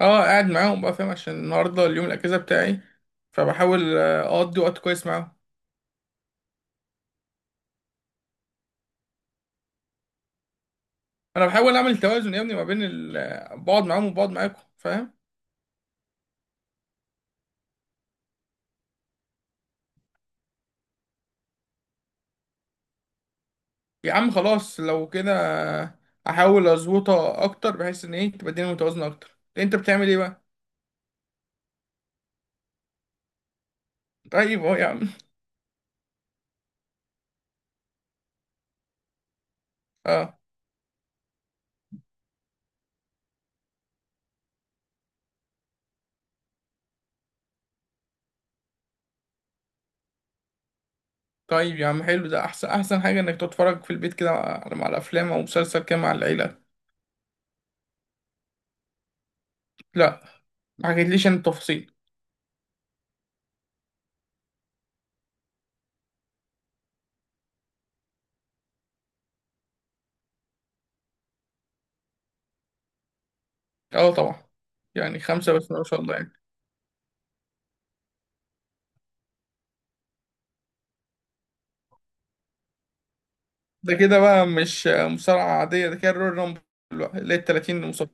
اه، قاعد معاهم بقى، فاهم؟ عشان النهارده اليوم الاجازه بتاعي. فبحاول اقضي وقت كويس معاهم. انا بحاول اعمل توازن يا ابني ما بين بقعد معاهم وبقعد معاكم، فاهم؟ يا عم خلاص، لو كده احاول اظبطها اكتر بحيث ان، ايه، تبقى الدنيا متوازنه اكتر. انت بتعمل ايه بقى؟ طيب، اهو يا عم. اه. طيب يا عم، حلو ده، احسن احسن حاجه انك تتفرج في البيت كده مع الافلام او مسلسل كده مع العيله. لا، ما حكيتليش عن التفاصيل. اه، طبعا. يعني خمسه بس، ما شاء الله، يعني. ده كده بقى مش مصارعة عادية، ده كده الرويال رامبل بقى، اللي هي ال 30 مصارع.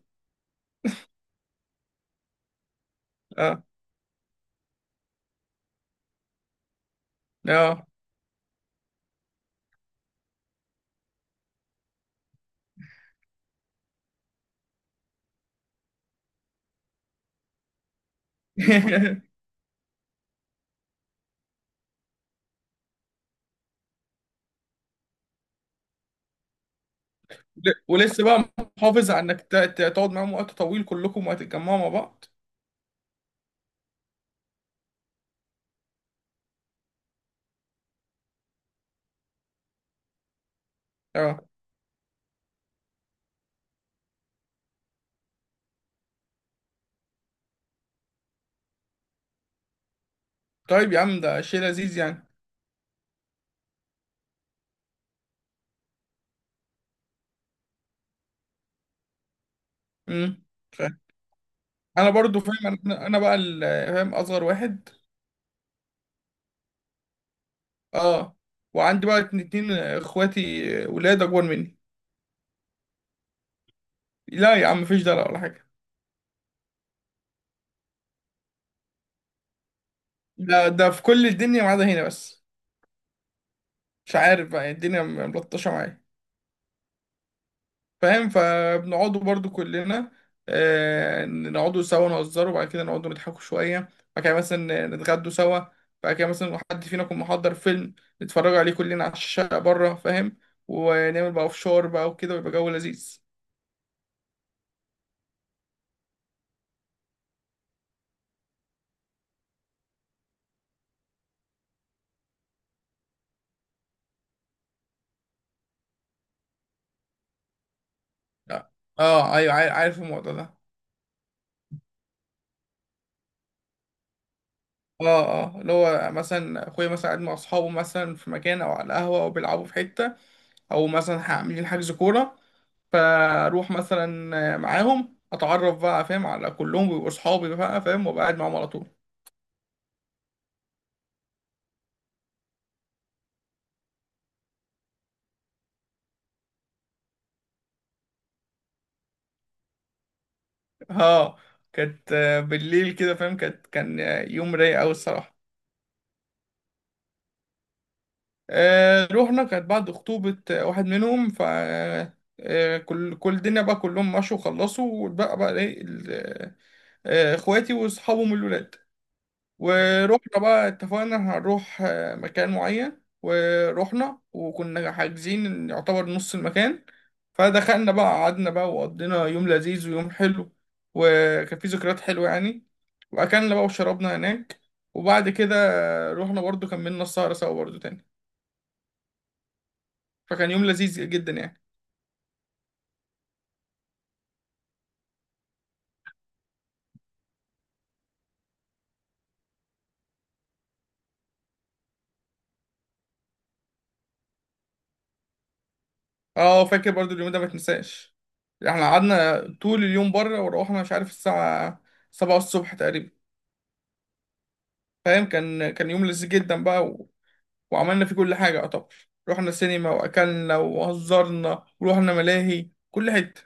اه، اه. ولسه بقى محافظ على انك تقعد معاهم وقت طويل كلكم وهتتجمعوا مع بعض. اه. طيب يا عم، ده شيء لذيذ يعني. امم فاهم. انا برضو فاهم، انا بقى فاهم اصغر واحد. اه. وعندي بقى اتنين اخواتي ولاد اكبر مني. لا يا عم، مفيش دلع ولا حاجة. ده في كل الدنيا ما عدا هنا بس. مش عارف بقى، الدنيا ملطشة معايا. فاهم. فبنقعدوا برضو كلنا، نقعدوا سوا نهزروا، وبعد كده نقعدوا نضحكوا شوية. بعد كده مثلا نتغدوا سوا. بعد كده مثلا حد فينا يكون محضر فيلم، نتفرجوا عليه كلنا على الشقة بره، فاهم؟ ونعمل بقى فشار بقى وكده، ويبقى جو لذيذ. اه. ايوه، عارف الموضوع ده. اه، اه. اللي هو مثلا اخويا مثلا قاعد مع اصحابه مثلا في مكان او على القهوة او بيلعبوا في حتة، او مثلا عاملين حجز كورة. فاروح مثلا معاهم، اتعرف بقى، فاهم، على كلهم بيبقوا اصحابي بقى، فاهم، وابقى قاعد معاهم على طول. اه. كانت بالليل كده، فاهم. كان يوم رايق قوي الصراحه. رحنا، كانت بعد خطوبه واحد منهم، كل الدنيا بقى كلهم مشوا وخلصوا، واتبقى بقى، ايه، اخواتي واصحابهم الولاد. ورحنا بقى اتفقنا هنروح مكان معين، ورحنا وكنا حاجزين يعتبر نص المكان. فدخلنا بقى، قعدنا بقى، وقضينا يوم لذيذ ويوم حلو. وكان فيه ذكريات حلوة يعني. وأكلنا بقى وشربنا هناك. وبعد كده رحنا برضو، كملنا السهرة سوا برضو تاني. فكان يوم لذيذ جدا يعني. اه، فاكر برضو اليوم ده، ما تنساش. احنا قعدنا طول اليوم بره، وروحنا مش عارف الساعة، 7 الصبح تقريبا. فاهم. كان يوم لذيذ جدا بقى. وعملنا فيه كل حاجة طبعا. رحنا سينما وأكلنا وهزرنا ورحنا ملاهي كل حتة.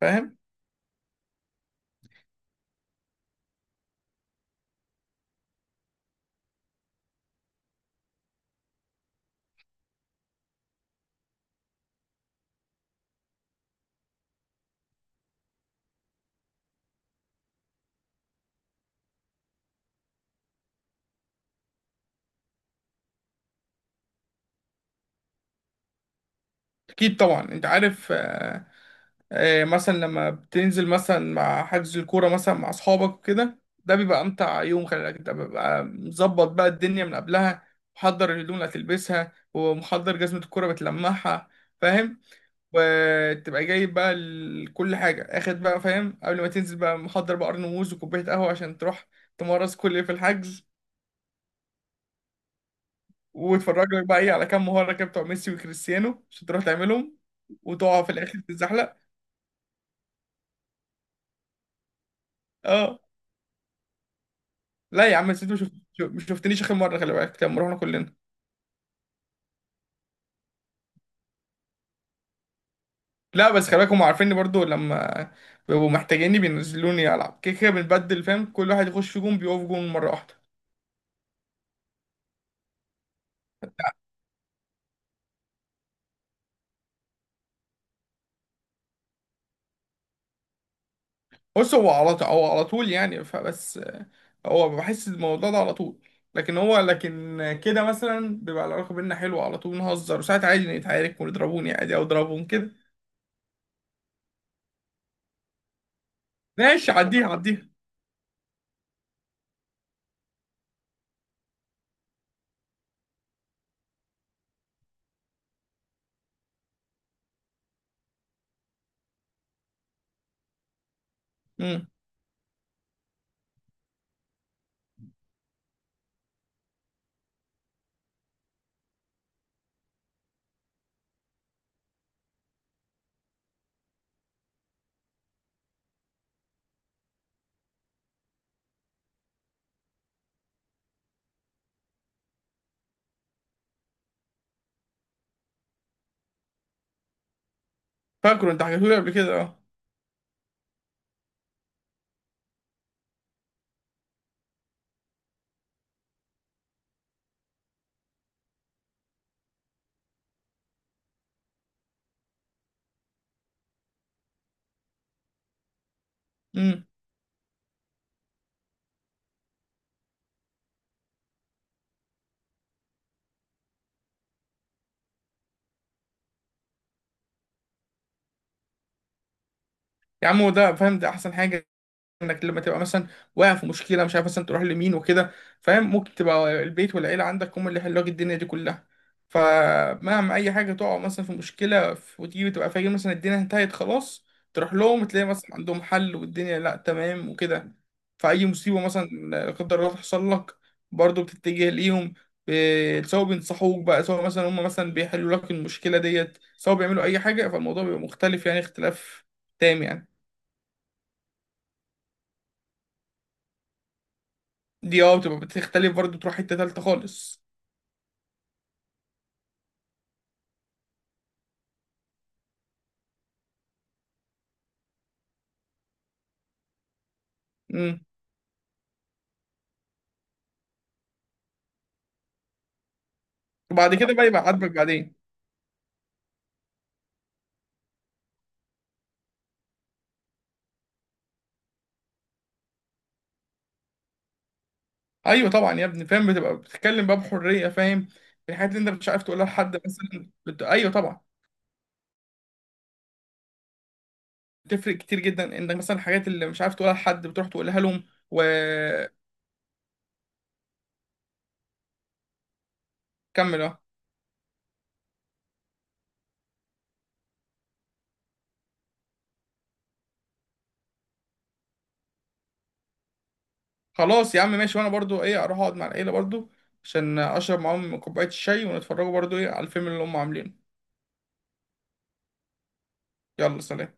فاهم. أكيد طبعا، أنت عارف. مثلا لما بتنزل مثلا مع حجز الكورة مثلا مع أصحابك وكده، ده بيبقى أمتع يوم، خلي بالك، أنت بيبقى مظبط بقى الدنيا من قبلها، محضر الهدوم اللي هتلبسها، ومحضر جزمة الكورة بتلمعها. فاهم. وتبقى جايب بقى كل حاجة، اخد بقى، فاهم، قبل ما تنزل بقى محضر بقى قرن موز وكوباية قهوة عشان تروح تمارس كل اللي في الحجز. وتفرج لك بقى، ايه، على كام مهاره كده بتوع ميسي وكريستيانو عشان تروح تعملهم. وتقع في الاخر تتزحلق. اه. لا يا عم، نسيت. مش شفتنيش اخر مره، خلي بالك لما رحنا كلنا. لا، بس خلي بالك، هم عارفيني برضو لما بيبقوا محتاجيني بينزلوني العب. كده كده بنبدل، فاهم، كل واحد يخش في جون، بيقف جون مره واحده. بص، هو على طول يعني، فبس. هو بحس الموضوع ده على طول. لكن هو، كده مثلا بيبقى العلاقه بينا حلوه على طول، نهزر، وساعات عادي نتعارك ونضربوني عادي او اضربهم كده. ماشي، عديها عديها. امم فاكره، انت حكيته لي قبل كده، اه. امم يا عم، هو ده فاهم، ده احسن حاجه، انك لما تبقى مثلا واقع في مشكله، مش عارف مثلا تروح لمين وكده، فاهم، ممكن تبقى البيت والعيله عندك هم اللي يحلوا لك الدنيا دي كلها. فمهما اي حاجه تقع مثلا في مشكله، وتيجي تبقى فاكر مثلا الدنيا انتهت خلاص، تروح لهم تلاقي مثلا عندهم حل، والدنيا، لا، تمام وكده. فاي مصيبه مثلا، لا قدر الله، تحصل لك، برضه بتتجه ليهم. سواء بينصحوك بقى، سواء مثلا هم مثلا بيحلوا لك المشكله ديت، سواء بيعملوا اي حاجه، فالموضوع بيبقى مختلف يعني، اختلاف تام يعني. دي، بتبقى بتختلف برضه، تروح حتة تالتة خالص. امم وبعد كده بقى يبقى عاجبك بعدين. ايوه طبعا يا ابني، فاهم، بتبقى بتتكلم بقى بحرية، فاهم، في الحاجات اللي انت مش عارف تقولها لحد مثلا ايوه طبعا. بتفرق كتير جدا، انك مثلا الحاجات اللي مش عارف تقولها لحد بتروح تقولها لهم. وكمل. اه. خلاص يا عم ماشي، وانا برضو، ايه، اروح اقعد مع العيلة برضو، عشان اشرب معاهم كوباية الشاي ونتفرجوا برضو، ايه، على الفيلم اللي هم عاملينه. يلا، سلام.